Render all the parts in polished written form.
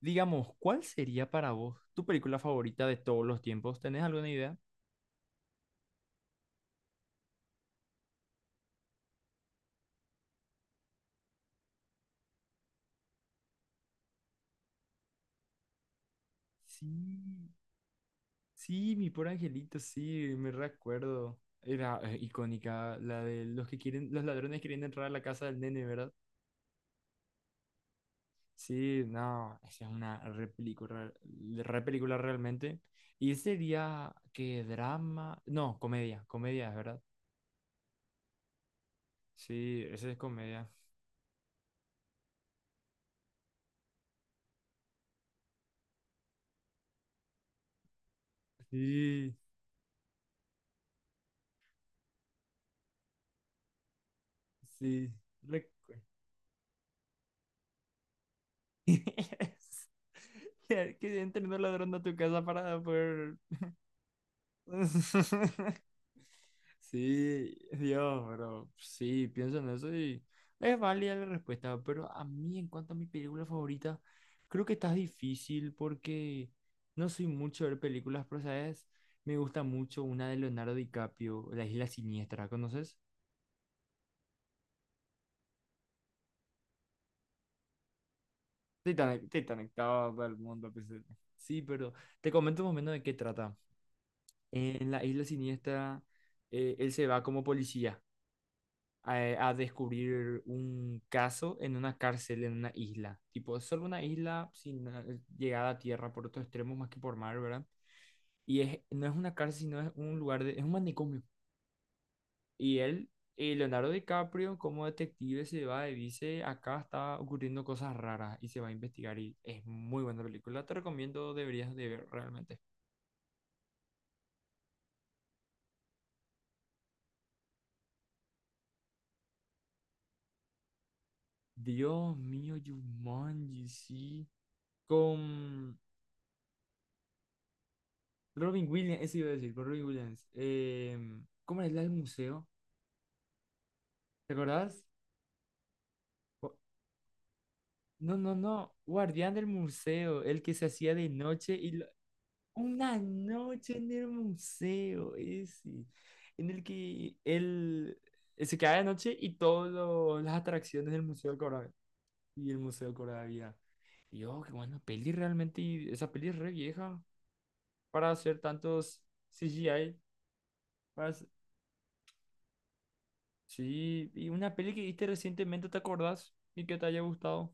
Digamos, ¿cuál sería para vos tu película favorita de todos los tiempos? ¿Tenés alguna idea? Sí, sí, mi pobre angelito, sí, me recuerdo. Era icónica la de los que quieren, los ladrones queriendo entrar a la casa del nene, ¿verdad? Sí, no, esa es una re película realmente. Y sería que drama, no, comedia, comedia, ¿verdad? Sí, esa es comedia. Sí, sí. Que entre un ladrón a tu casa para poder... Sí, Dios, pero sí, pienso en eso y es válida la respuesta, pero a mí en cuanto a mi película favorita, creo que está difícil porque no soy mucho de ver películas, pero sabes, me gusta mucho una de Leonardo DiCaprio, La Isla Siniestra, ¿conoces? Titanic, Titanic, todo el mundo. Sí, pero te comento un momento de qué trata. En la isla siniestra, él se va como policía a descubrir un caso en una cárcel, en una isla. Tipo, es solo una isla sin llegada a tierra por otros extremos más que por mar, ¿verdad? Y es, no es una cárcel, sino es un lugar de, es un manicomio. Y él, Leonardo DiCaprio, como detective, se va y dice, acá está ocurriendo cosas raras y se va a investigar. Y es muy buena película. Te recomiendo, deberías de ver realmente. Dios mío, Jumanji, sí. Con Robin Williams, eso iba a decir, con Robin Williams. ¿Cómo era el del museo? ¿Te acordás? O- No, no, no. Guardián del museo, el que se hacía de noche y lo- una noche en el museo, ese, en el que él se quedaba de noche y todas las atracciones del museo cobraba y el museo cobraba vida. Y yo, qué buena peli realmente, y esa peli es re vieja para hacer tantos CGI. Sí, y una peli que viste recientemente, ¿te acordás? Y que te haya gustado.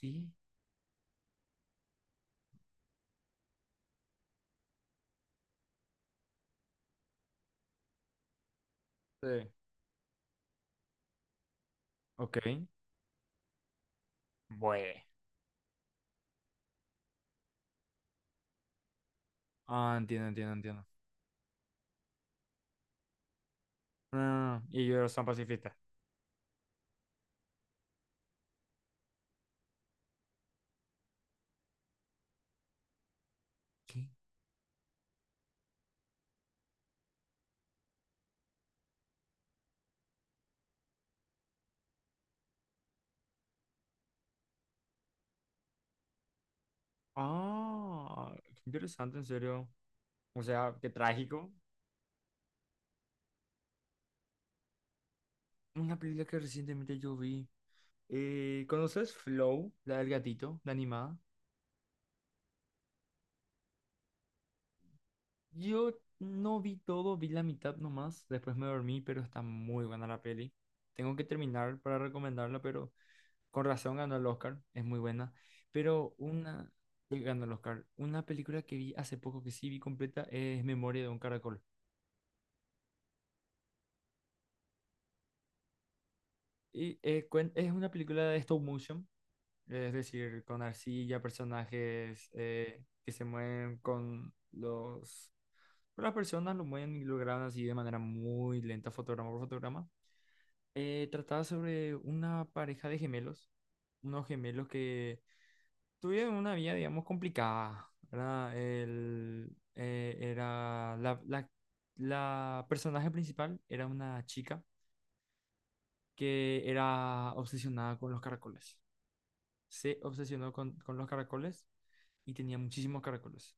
Sí. Sí. Ok. Bueno. Ah, entiendo, entiendo, entiendo. No, no, no. No. Y ellos son pacifistas. ¿Qué? Ah, qué interesante, en serio. O sea, qué trágico. Una película que recientemente yo vi. ¿Conoces Flow, la del gatito, la animada? Yo no vi todo, vi la mitad nomás. Después me dormí, pero está muy buena la peli. Tengo que terminar para recomendarla, pero con razón ganó el Oscar, es muy buena. Pero una, ganó el Oscar. Una película que vi hace poco, que sí vi completa, es Memoria de un Caracol. Es una película de stop motion, es decir, con arcilla, personajes que se mueven con los... con las personas lo mueven y lo graban así de manera muy lenta, fotograma por fotograma. Trataba sobre una pareja de gemelos, unos gemelos que tuve una vida, digamos, complicada, ¿verdad? Era la personaje principal era una chica que era obsesionada con los caracoles. Se obsesionó con los caracoles y tenía muchísimos caracoles.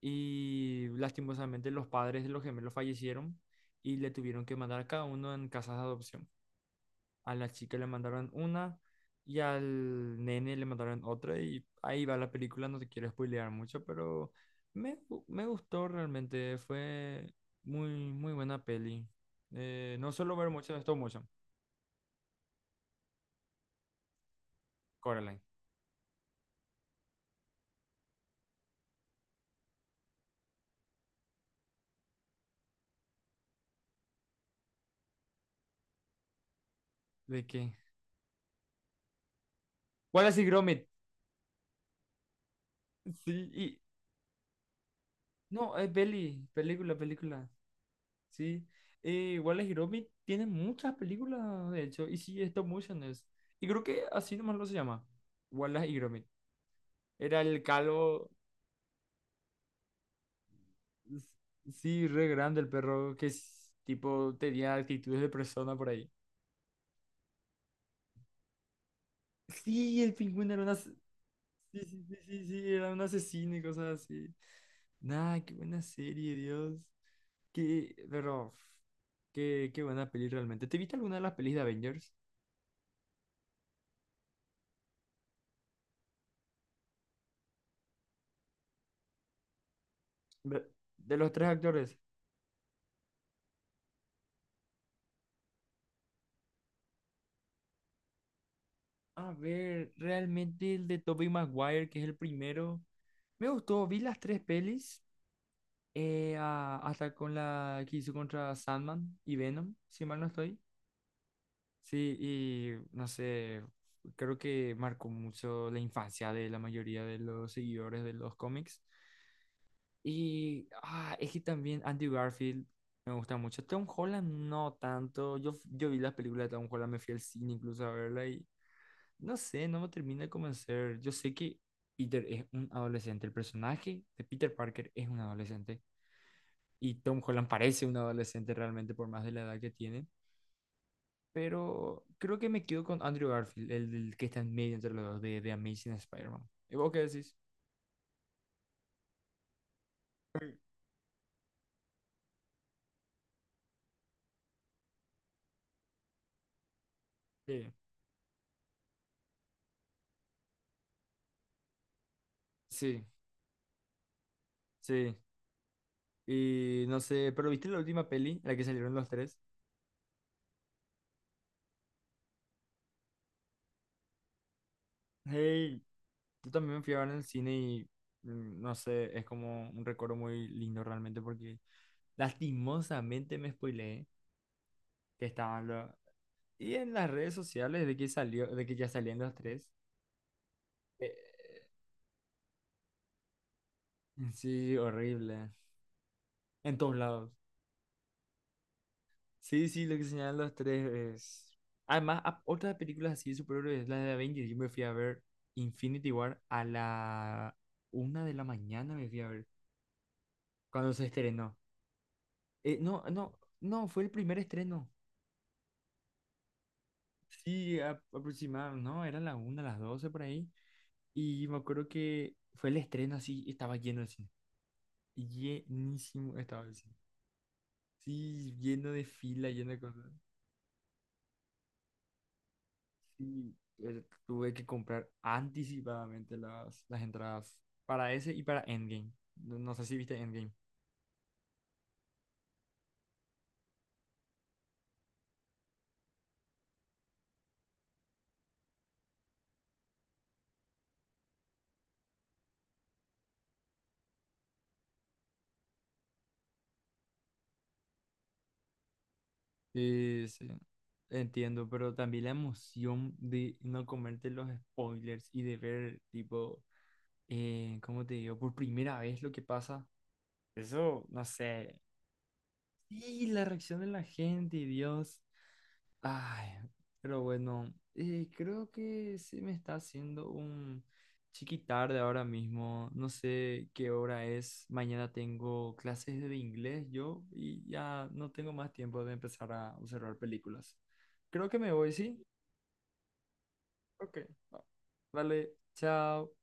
Y lastimosamente los padres de los gemelos fallecieron y le tuvieron que mandar a cada uno en casas de adopción. A la chica le mandaron una y al nene le mandaron otra y ahí va la película, no te quiero spoilear mucho, pero me gustó realmente, fue muy, muy buena peli. No suelo ver mucho de stop motion. Coraline. ¿De qué? Wallace y Gromit, sí, y... No, es peli, película, película, sí. Wallace y Gromit tiene muchas películas, de hecho, y sí, stop motion es. Y creo que así nomás lo se llama, Wallace y Gromit. Era el calvo. Sí, re grande el perro que es, tipo tenía actitudes de persona por ahí. Sí, el pingüino era una... as- Sí, sí, sí, sí, sí, era un asesino y cosas así. Nah, qué buena serie, Dios. Qué, pero, qué, qué buena peli realmente. ¿Te viste alguna de las pelis de Avengers? Ve- De los tres actores. A ver, realmente el de Tobey Maguire, que es el primero, me gustó. Vi las tres pelis. A- hasta con la que hizo contra Sandman y Venom, si mal no estoy. Sí, y no sé, creo que marcó mucho la infancia de la mayoría de los seguidores de los cómics. Y ah, es que también Andy Garfield me gusta mucho. Tom Holland no tanto. Yo vi las películas de Tom Holland, me fui al cine incluso a verla y no sé, no me termina de convencer. Yo sé que Peter es un adolescente, el personaje de Peter Parker es un adolescente, y Tom Holland parece un adolescente realmente por más de la edad que tiene. Pero creo que me quedo con Andrew Garfield, el que está en medio entre los dos de Amazing Spider-Man. ¿Y vos qué decís? Sí. Sí, sí. Y no sé, pero ¿viste la última peli, la que salieron los tres? Hey, yo también me fui a ver en el cine y mm, no sé, es como un recuerdo muy lindo realmente porque lastimosamente me spoileé que estaban los... Y en las redes sociales de que salió, de que ya salían los tres, eh, sí, horrible. En todos lados. Sí, sí, lo que señalan los tres es... Además, a- otras películas así de superhéroes, es la de Avengers, yo me fui a ver Infinity War a la una de la mañana, me fui a ver, cuando se estrenó. No, no, no, fue el primer estreno. Sí, a- aproximadamente, no, era la una, las doce por ahí. Y me acuerdo que fue el estreno así, estaba lleno de cine. Llenísimo estaba el cine. Sí, lleno de fila, lleno de cosas. Sí, tuve que comprar anticipadamente las entradas para ese y para Endgame. No, no sé si viste Endgame. Sí, entiendo, pero también la emoción de no comerte los spoilers y de ver, tipo, ¿cómo te digo? Por primera vez lo que pasa. Eso, no sé. Sí, la reacción de la gente, Dios. Ay, pero bueno, creo que se me está haciendo un chiqui tarde ahora mismo. No sé qué hora es. Mañana tengo clases de inglés yo y ya no tengo más tiempo de empezar a observar películas. Creo que me voy, ¿sí? Ok. Vale, chao.